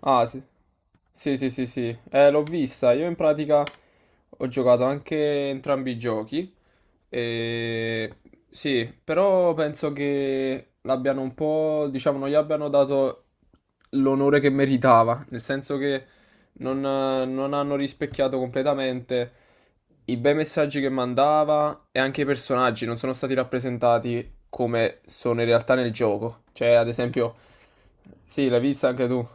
Ah, sì. Sì, sì, sì, sì. L'ho vista. Io in pratica ho giocato anche entrambi i giochi. E... Sì, però penso che l'abbiano un po', diciamo, non gli abbiano dato l'onore che meritava, nel senso che non hanno rispecchiato completamente i bei messaggi che mandava e anche i personaggi non sono stati rappresentati come sono in realtà nel gioco. Cioè, ad esempio, sì, l'hai vista anche tu.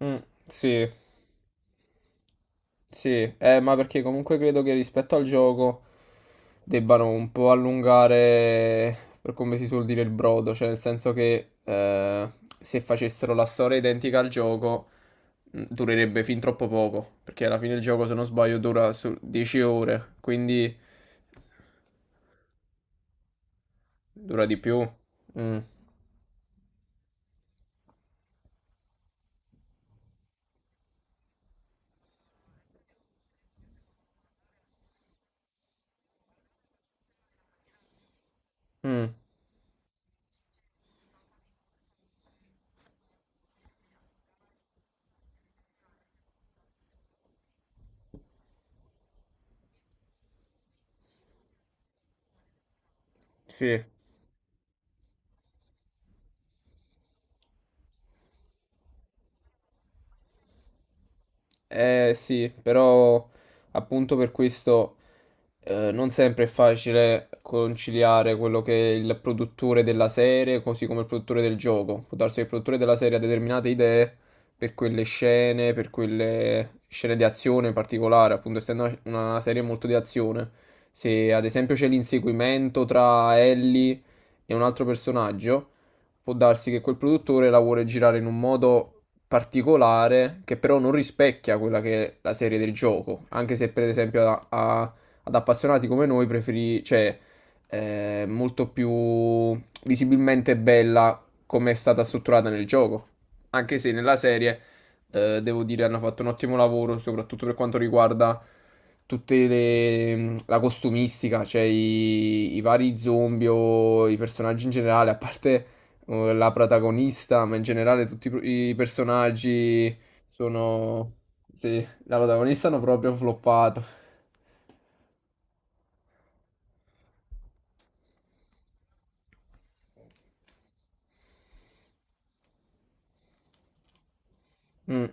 Mm, sì, sì, ma perché comunque credo che rispetto al gioco debbano un po' allungare, per come si suol dire, il brodo, cioè nel senso che se facessero la storia identica al gioco durerebbe fin troppo poco, perché alla fine il gioco, se non sbaglio, dura su 10 ore, quindi dura di più. Mm, mm, sì. Eh sì, però appunto per questo non sempre è facile conciliare quello che è il produttore della serie, così come il produttore del gioco. Può darsi che il produttore della serie ha determinate idee per quelle scene di azione in particolare, appunto essendo una serie molto di azione. Se ad esempio c'è l'inseguimento tra Ellie e un altro personaggio, può darsi che quel produttore la vuole girare in un modo particolare che però non rispecchia quella che è la serie del gioco, anche se per esempio ad appassionati come noi preferi, cioè è molto più visibilmente bella come è stata strutturata nel gioco, anche se nella serie devo dire hanno fatto un ottimo lavoro, soprattutto per quanto riguarda tutta la costumistica, cioè i vari zombie o i personaggi in generale, a parte la protagonista, ma in generale tutti i personaggi sono. Sì, la protagonista hanno proprio floppato. Mm,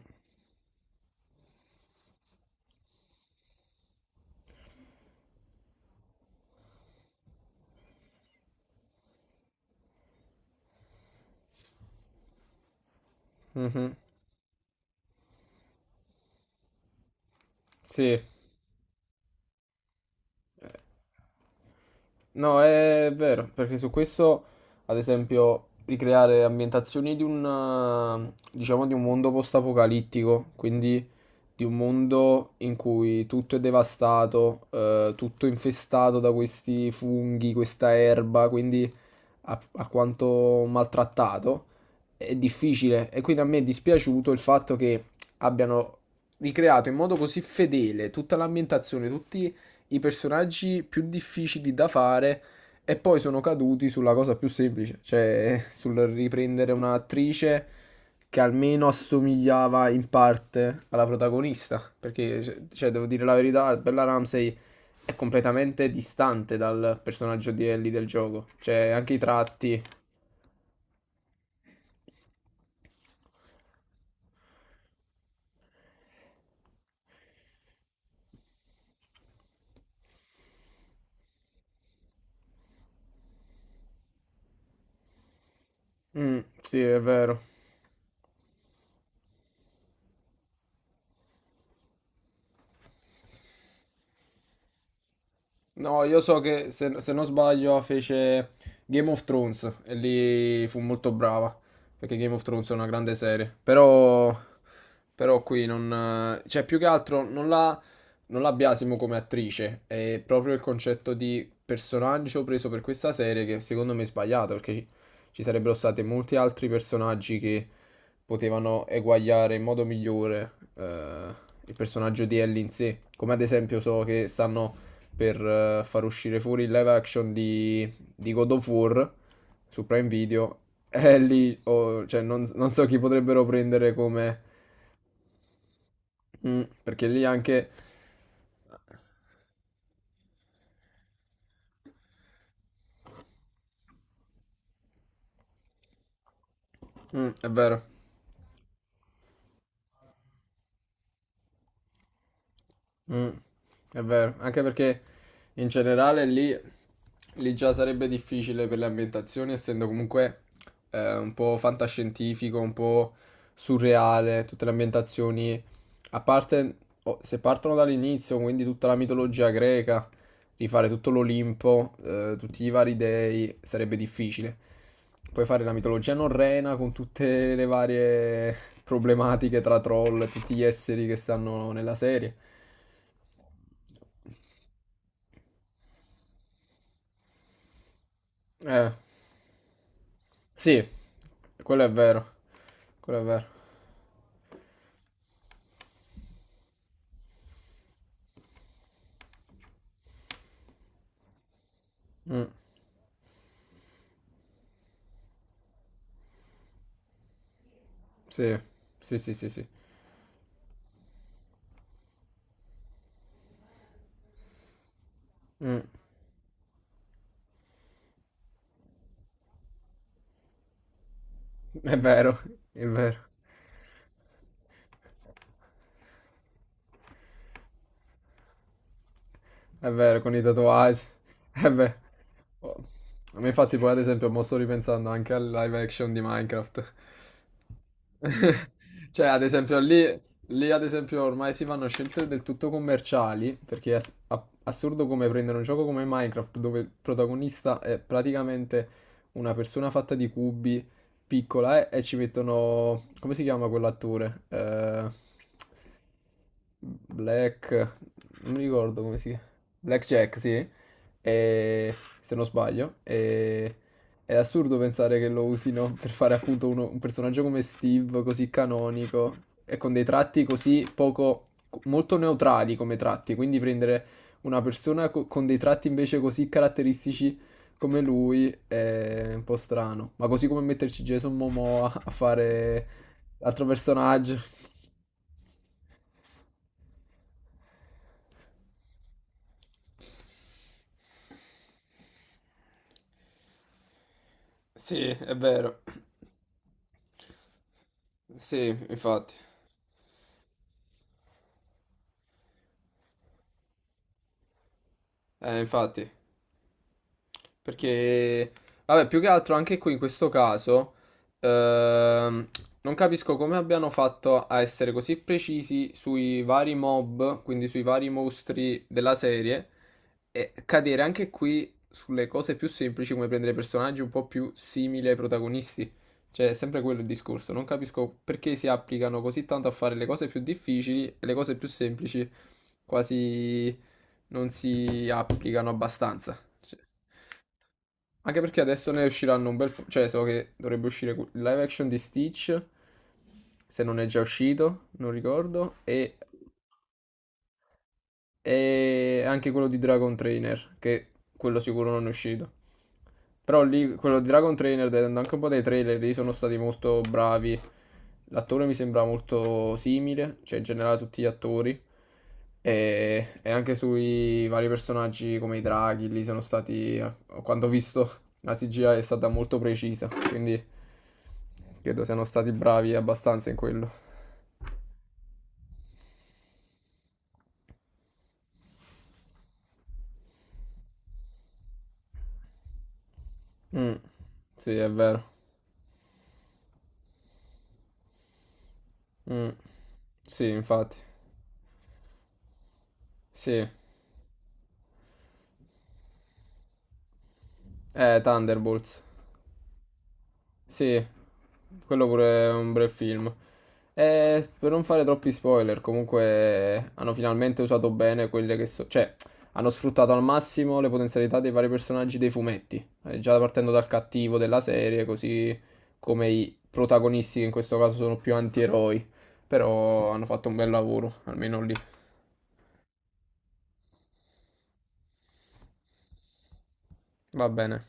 mhm, sì. Eh, No, è vero, perché su questo, ad esempio, ricreare ambientazioni di un, diciamo, di un mondo post-apocalittico, quindi di un mondo in cui tutto è devastato, tutto infestato da questi funghi, questa erba, quindi a quanto maltrattato, è difficile. E quindi a me è dispiaciuto il fatto che abbiano ricreato in modo così fedele tutta l'ambientazione, tutti i personaggi più difficili da fare e poi sono caduti sulla cosa più semplice, cioè sul riprendere un'attrice che almeno assomigliava in parte alla protagonista, perché cioè, devo dire la verità, Bella Ramsey è completamente distante dal personaggio di Ellie del gioco. Cioè, anche i tratti. Mm, sì, è vero. No, io so che se non sbaglio fece Game of Thrones e lì fu molto brava, perché Game of Thrones è una grande serie, però qui non, cioè più che altro non la biasimo come attrice, è proprio il concetto di personaggio preso per questa serie che secondo me è sbagliato, perché ci sarebbero stati molti altri personaggi che potevano eguagliare in modo migliore il personaggio di Ellie in sé, come ad esempio so che stanno per far uscire fuori il live action di God of War su Prime Video. E lì oh, cioè, non so chi potrebbero prendere come. Mm, perché lì anche. Mm, è vero. Mm, è vero, anche perché in generale lì già sarebbe difficile per le ambientazioni, essendo comunque un po' fantascientifico, un po' surreale, tutte le ambientazioni, a parte oh, se partono dall'inizio, quindi tutta la mitologia greca, rifare tutto l'Olimpo, tutti i vari dei, sarebbe difficile. Puoi fare la mitologia norrena con tutte le varie problematiche tra troll e tutti gli esseri che stanno nella serie. Eh, sì, quello è vero. Quello è vero. Mm, sì, sì, sì, sì, sì. Mm, è vero, è vero. È vero, con i tatuaggi. È vero. Oh. A me infatti poi ad esempio mo sto ripensando anche al live action di Minecraft. Cioè, ad esempio, ad esempio ormai si fanno scelte del tutto commerciali, perché è assurdo come prendere un gioco come Minecraft, dove il protagonista è praticamente una persona fatta di cubi, piccola, e ci mettono, come si chiama quell'attore? Black... non mi ricordo come si. Blackjack, sì, e- se non sbaglio. È assurdo pensare che lo usino per fare appunto un personaggio come Steve, così canonico, e con dei tratti così poco, molto neutrali come tratti, quindi prendere una persona con dei tratti invece così caratteristici come lui è un po' strano, ma così come metterci Jason Momoa a fare l'altro personaggio. Sì, è vero. Sì, infatti. Infatti. Perché, vabbè, più che altro anche qui in questo caso, ehm, non capisco come abbiano fatto a essere così precisi sui vari mob, quindi sui vari mostri della serie, e cadere anche qui sulle cose più semplici, come prendere personaggi un po' più simili ai protagonisti. Cioè, è sempre quello il discorso. Non capisco perché si applicano così tanto a fare le cose più difficili e le cose più semplici, quasi non si applicano abbastanza. Cioè, anche perché adesso ne usciranno un bel po'. Cioè, so che dovrebbe uscire il live action di Stitch, se non è già uscito, non ricordo, e anche quello di Dragon Trainer, che quello sicuro non è uscito. Però lì, quello di Dragon Trainer, vedendo anche un po' dei trailer, lì sono stati molto bravi. L'attore mi sembra molto simile, cioè in generale tutti gli attori. E anche sui vari personaggi come i draghi, lì sono stati, quando ho visto, la CGI è stata molto precisa, quindi credo siano stati bravi abbastanza in quello. Mm, sì, è vero. Mm, sì, infatti. Sì, Thunderbolts. Sì, quello pure è un bel film. Per non fare troppi spoiler, comunque hanno finalmente usato bene quelle che so. Cioè, hanno sfruttato al massimo le potenzialità dei vari personaggi dei fumetti. Già partendo dal cattivo della serie, così come i protagonisti, che in questo caso sono più antieroi. Però hanno fatto un bel lavoro, almeno lì. Va bene.